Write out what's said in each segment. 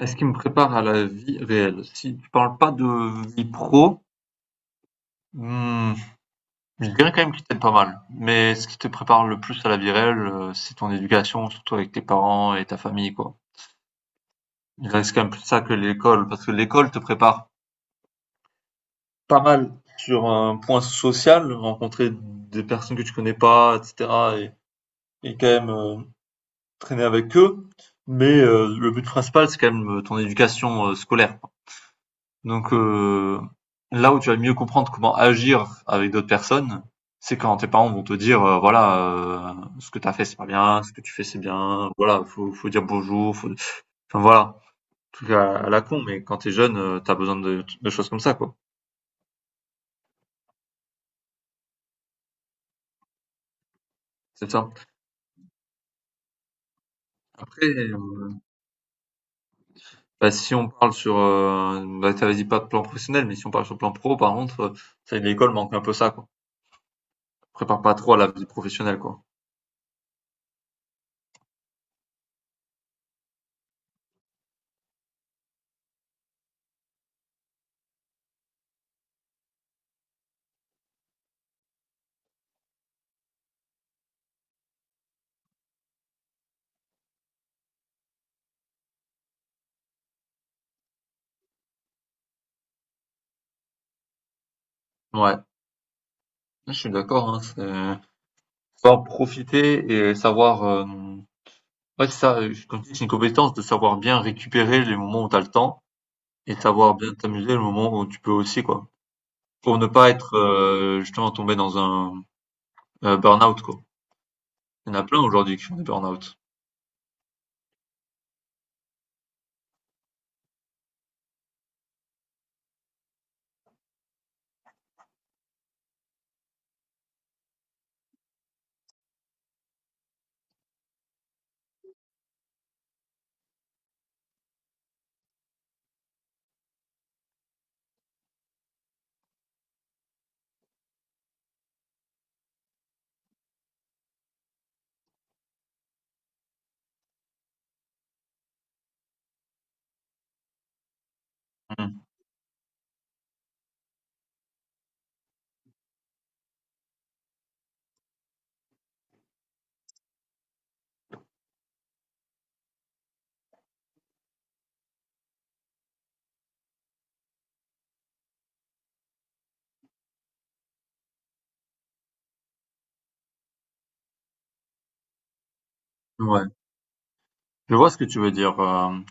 Est-ce qui me prépare à la vie réelle? Si tu parles pas de vie pro, hmm, je dirais quand même qu'il t'aide pas mal. Mais ce qui te prépare le plus à la vie réelle, c'est ton éducation, surtout avec tes parents et ta famille, quoi. Il reste quand même plus ça que l'école, parce que l'école te prépare pas mal sur un point social, rencontrer des personnes que tu connais pas, etc. et quand même traîner avec eux. Mais le but principal, c'est quand même ton éducation scolaire. Donc là où tu vas mieux comprendre comment agir avec d'autres personnes, c'est quand tes parents vont te dire voilà ce que t'as fait c'est pas bien, ce que tu fais c'est bien, voilà faut dire bonjour, enfin voilà tout cas à la con mais quand t'es jeune t'as besoin de choses comme ça quoi. C'est ça. Après, bah, si on parle sur, bah, t'avais dit pas de plan professionnel, mais si on parle sur le plan pro, par contre, ça, l'école manque un peu ça, quoi. Prépare pas trop à la vie professionnelle, quoi. Ouais, je suis d'accord, hein, faut profiter et savoir, ouais, c'est ça, comme tu dis, c'est une compétence de savoir bien récupérer les moments où tu as le temps et de savoir bien t'amuser le moment où tu peux aussi, quoi. Pour ne pas être, justement tomber dans un, burn-out, quoi. Il y en a plein aujourd'hui qui font des burn-out. Mmh. Ouais, je vois ce que tu veux dire,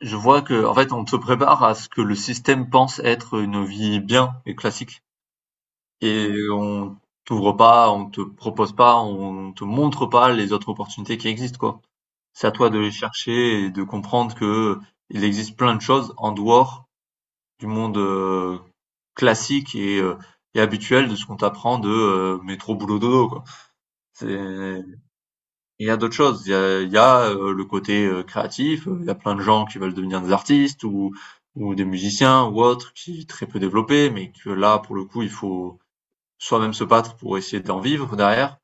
je vois que en fait, on se prépare à ce que le système pense être une vie bien et classique et on t'ouvre pas, on te propose pas, on te montre pas les autres opportunités qui existent, quoi. C'est à toi de les chercher et de comprendre que il existe plein de choses en dehors du monde classique et habituel de ce qu'on t'apprend de métro boulot dodo quoi. C'est- Il y a d'autres choses. Il y a, le côté créatif. Il y a plein de gens qui veulent devenir des artistes ou des musiciens ou autres qui est très peu développés, mais que là pour le coup il faut soit même se battre pour essayer d'en vivre derrière.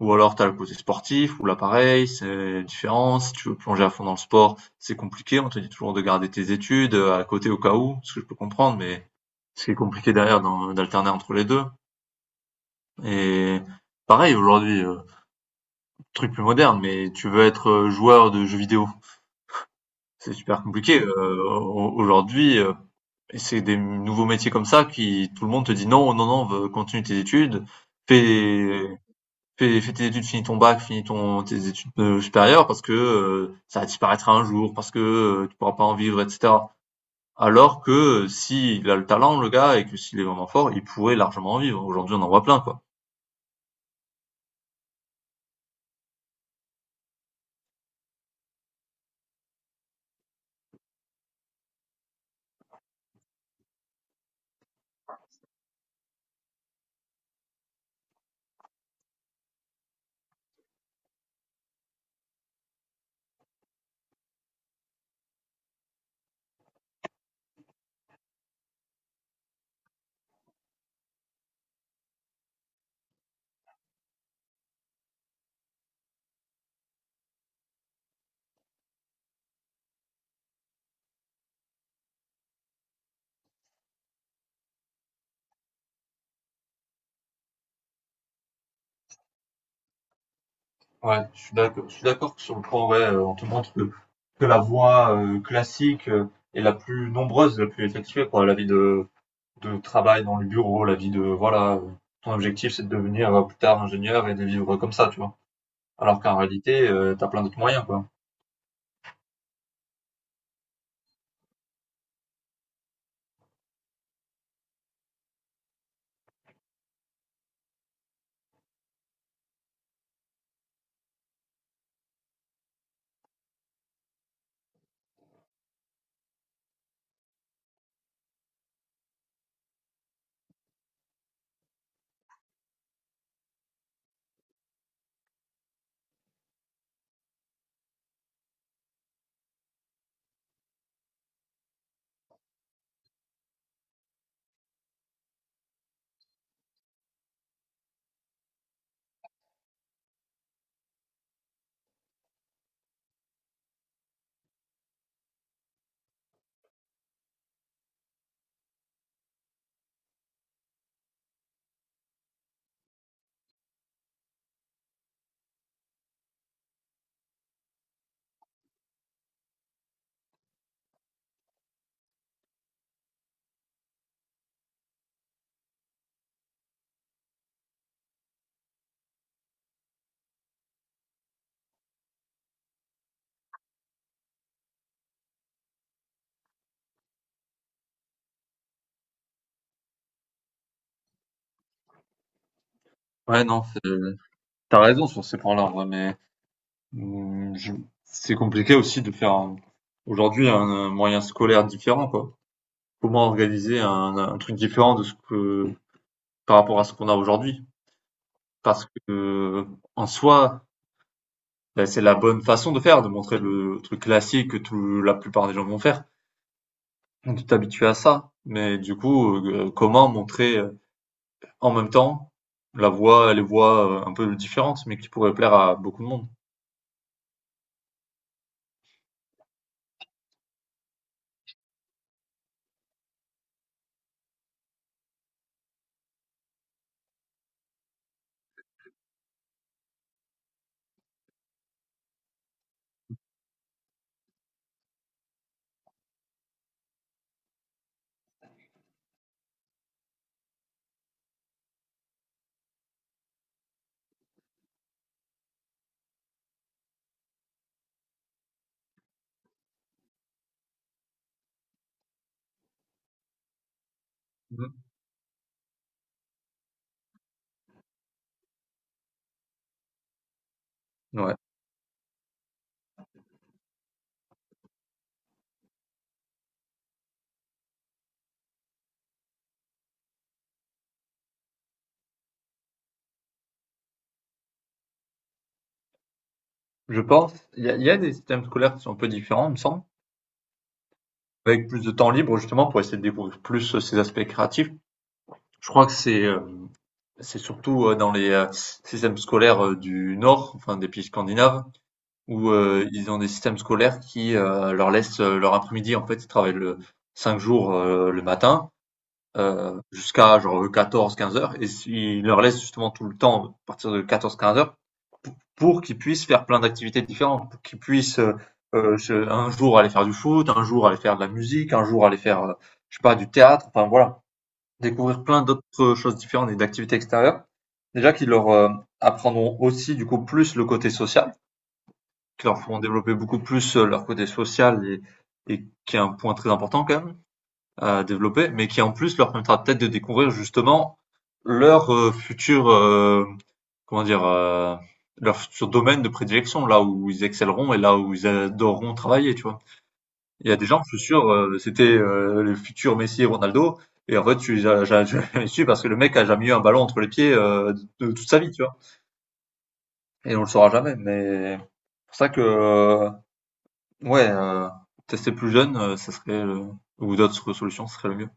Ou alors tu as le côté sportif, ou l'appareil c'est différent. Si tu veux plonger à fond dans le sport, c'est compliqué. On te dit toujours de garder tes études à côté au cas où, ce que je peux comprendre, mais ce qui est compliqué derrière d'alterner entre les deux. Et pareil, aujourd'hui, truc plus moderne, mais tu veux être joueur de jeux vidéo. C'est super compliqué. Aujourd'hui, c'est des nouveaux métiers comme ça qui tout le monde te dit non, non, non, continue tes études, fais fais tes études, finis ton bac, finis tes études supérieures parce que ça disparaîtra un jour, parce que tu pourras pas en vivre, etc. Alors que s'il a le talent, le gars, et que s'il est vraiment fort, il pourrait largement en vivre. Aujourd'hui, on en voit plein, quoi. Ouais, je suis d'accord que sur le point, ouais, on te montre que la voie classique est la plus nombreuse, la plus effectuée, quoi. La vie de travail dans le bureau, la vie de, voilà, ton objectif c'est de devenir plus tard ingénieur et de vivre comme ça, tu vois. Alors qu'en réalité, t'as plein d'autres moyens, quoi. Ouais, non, c'est tu raison sur ces points-là, en vrai, mais, mmh, je c'est compliqué aussi de faire un aujourd'hui un moyen scolaire différent, quoi. Comment organiser un truc différent de ce que par rapport à ce qu'on a aujourd'hui? Parce que, en soi, bah, c'est la bonne façon de faire, de montrer le truc classique que tout la plupart des gens vont faire, de t'habituer à ça. Mais du coup, comment montrer, en même temps, la voie les voies, un peu différentes, mais qui pourraient plaire à beaucoup de monde? Mmh. Ouais. Je pense, il y a des systèmes scolaires qui sont un peu différents, il me semble, avec plus de temps libre justement pour essayer de découvrir plus ces aspects créatifs. Je crois que c'est surtout dans les systèmes scolaires du Nord, enfin des pays scandinaves, où ils ont des systèmes scolaires qui leur laissent leur après-midi. En fait, ils travaillent 5 jours le matin jusqu'à genre 14-15 heures et si, il leur laisse justement tout le temps à partir de 14-15 heures pour, qu'ils puissent faire plein d'activités différentes, pour qu'ils puissent euh, un jour aller faire du foot, un jour aller faire de la musique, un jour aller faire je sais pas du théâtre, enfin voilà, découvrir plein d'autres choses différentes et d'activités extérieures. Déjà qu'ils leur apprendront aussi du coup plus le côté social, qui leur feront développer beaucoup plus leur côté social et qui est un point très important quand même à développer, mais qui en plus leur permettra peut-être de découvrir justement leur futur, comment dire, leur futur domaine de prédilection, là où ils excelleront et là où ils adoreront travailler, tu vois. Il y a des gens, je suis sûr, c'était les futurs Messi et Ronaldo, et en fait, tu les as jamais su parce que le mec a jamais eu un ballon entre les pieds de toute sa vie, tu vois. Et on le saura jamais, mais c'est pour ça que, ouais, tester plus jeune, ça serait, ou d'autres solutions, ce serait le mieux.